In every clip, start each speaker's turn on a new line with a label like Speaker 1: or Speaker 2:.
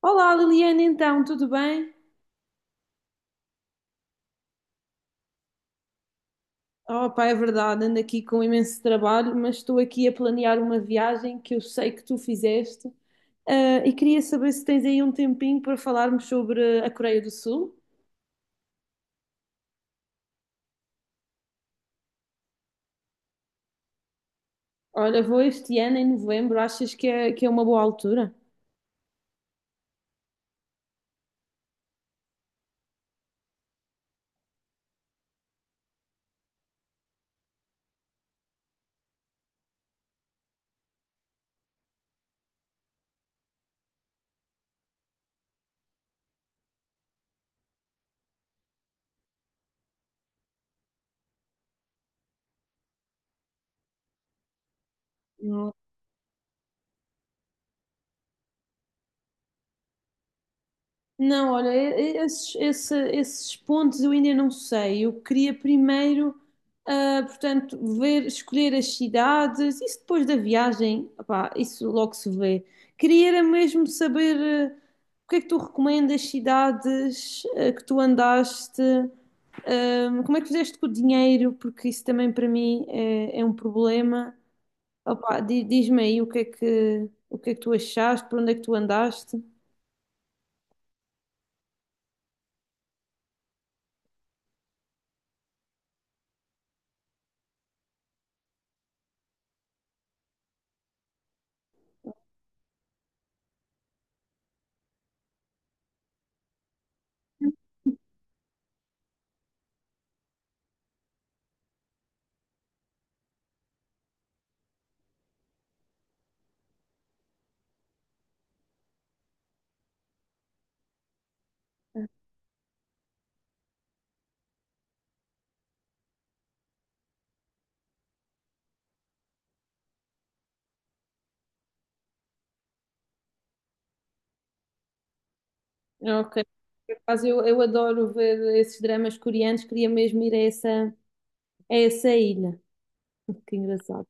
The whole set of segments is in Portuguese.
Speaker 1: Olá Liliana, então, tudo bem? Oh, pá, é verdade, ando aqui com imenso trabalho, mas estou aqui a planear uma viagem que eu sei que tu fizeste, e queria saber se tens aí um tempinho para falarmos sobre a Coreia do Sul. Olha, vou este ano em novembro, achas que é uma boa altura? Não, olha, esses pontos eu ainda não sei. Eu queria primeiro, portanto, ver, escolher as cidades. Isso depois da viagem, opá, isso logo se vê. Queria era mesmo saber, ah, o que é que tu recomendas cidades, que tu andaste, como é que fizeste com o dinheiro, porque isso também para mim é um problema. Opá, diz-me aí o que é que, tu achaste, por onde é que tu andaste. Ok. Por acaso, eu adoro ver esses dramas coreanos, queria mesmo ir a essa ilha. Que engraçado.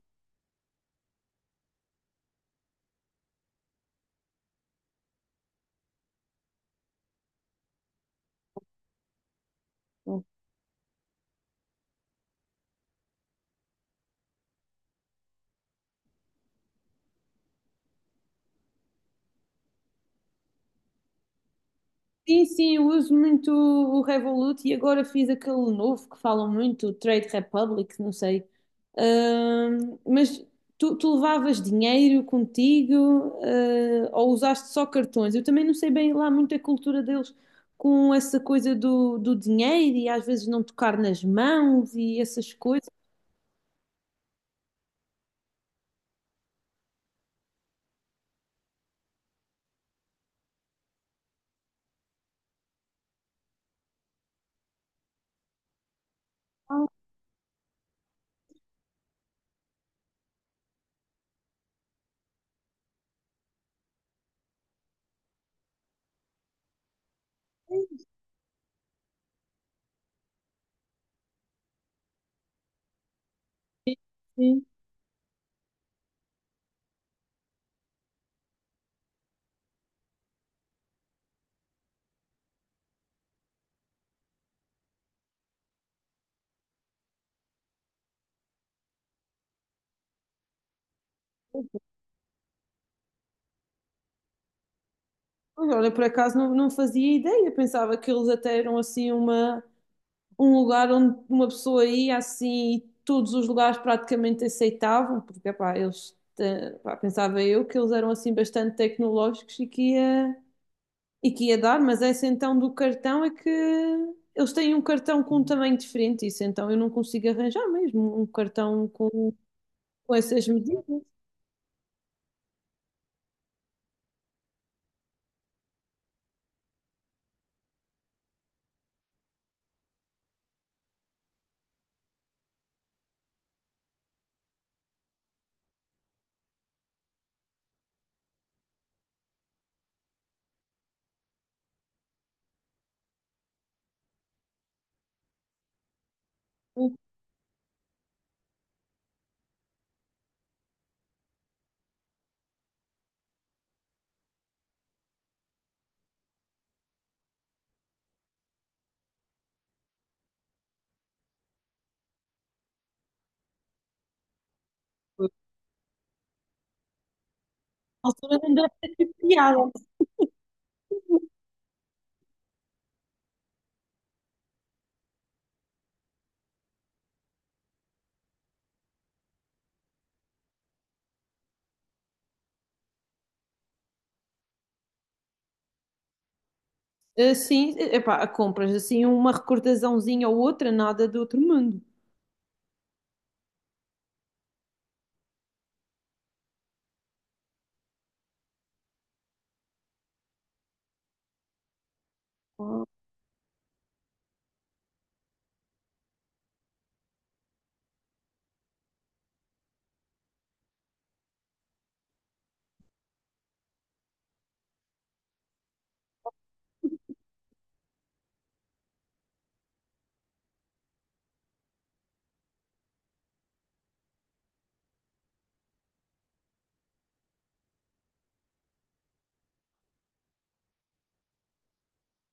Speaker 1: Sim, sim, eu uso muito o Revolut e agora fiz aquele novo que falam muito, o Trade Republic, não sei. Mas tu levavas dinheiro contigo, ou usaste só cartões? Eu também não sei bem lá muito a cultura deles com essa coisa do dinheiro e às vezes não tocar nas mãos e essas coisas. Sim. Mas olha, por acaso não fazia ideia, pensava que eles até eram assim um lugar onde uma pessoa ia assim e todos os lugares praticamente aceitavam, porque epá, pá, pensava eu que eles eram assim bastante tecnológicos e que ia dar, mas essa então do cartão é que eles têm um cartão com um tamanho diferente, isso então eu não consigo arranjar mesmo um cartão com essas medidas. Na altura não deve ter piada. Ah, sim, epá, compras assim uma recordaçãozinha ou outra, nada do outro mundo.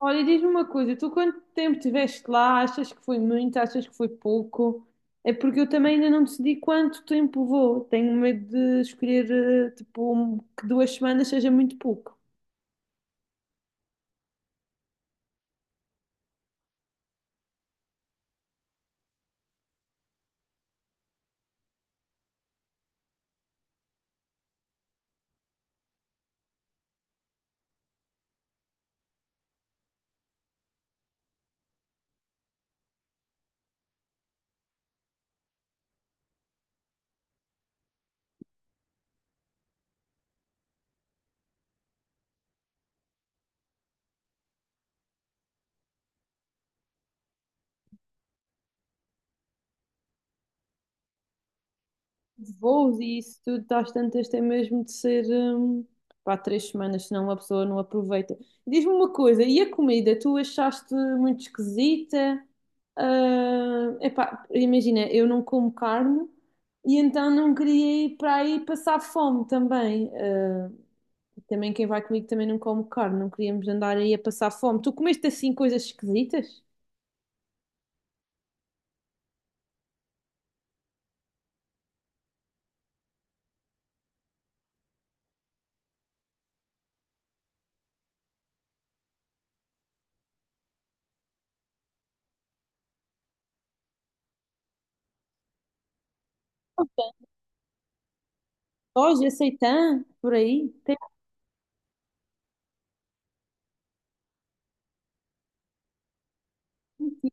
Speaker 1: Olha, diz-me uma coisa, tu quanto tempo estiveste lá? Achas que foi muito? Achas que foi pouco? É porque eu também ainda não decidi quanto tempo vou. Tenho medo de escolher, tipo, que 2 semanas seja muito pouco. Voos e isso tudo, tá às tantas, tem mesmo de ser pá, 3 semanas, senão uma pessoa não aproveita. Diz-me uma coisa, e a comida? Tu achaste muito esquisita? Ah, epá, imagina, eu não como carne e então não queria ir para aí passar fome também. Ah, também quem vai comigo também não come carne, não queríamos andar aí a passar fome. Tu comeste assim coisas esquisitas? Soja, seitã, por aí? Tem sim,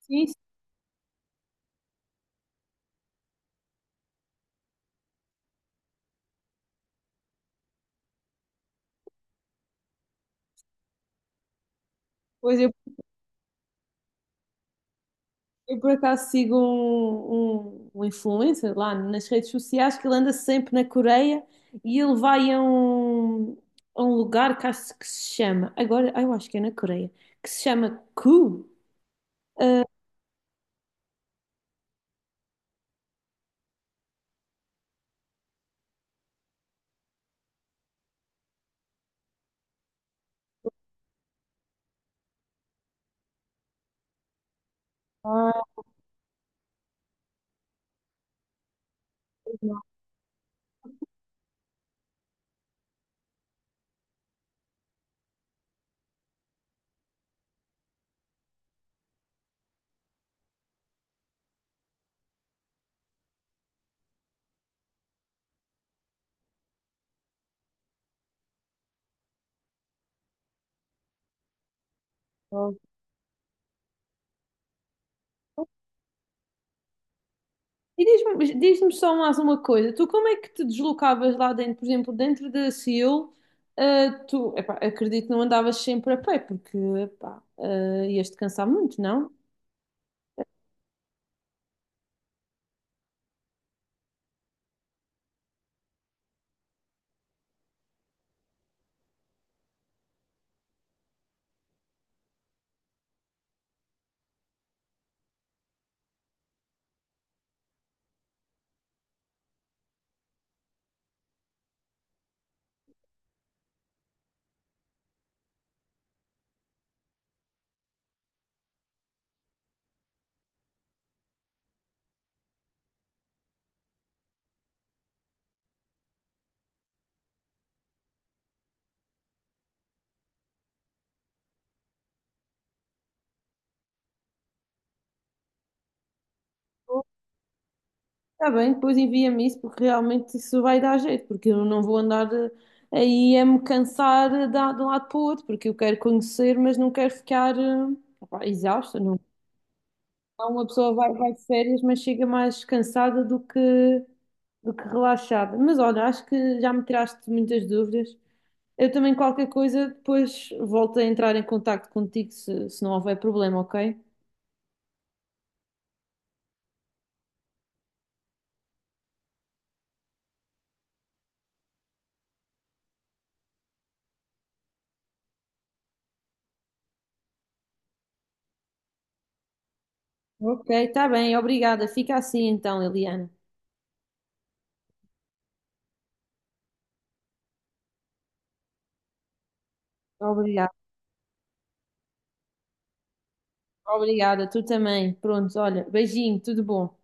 Speaker 1: sim. Pois eu por acaso sigo um influencer lá nas redes sociais que ele anda sempre na Coreia e ele vai a um, lugar que acho que se chama, agora eu acho que é na Coreia, que se chama Ku. Ah, não. E diz-me só mais uma coisa, tu como é que te deslocavas lá dentro, por exemplo, dentro da Seul, tu, epá, acredito que não andavas sempre a pé, porque epá, ias-te cansar muito, não? Está bem, depois envia-me isso, porque realmente isso vai dar jeito, porque eu não vou andar aí a me cansar de um lado para o outro, porque eu quero conhecer, mas não quero ficar opá, exausta, não. Então, uma pessoa vai, de férias, mas chega mais cansada do que relaxada. Mas olha, acho que já me tiraste muitas dúvidas. Eu também, qualquer coisa, depois volto a entrar em contacto contigo se não houver problema, ok? Ok, está bem, obrigada. Fica assim então, Eliana. Obrigada. Obrigada, tu também. Pronto, olha, beijinho, tudo bom.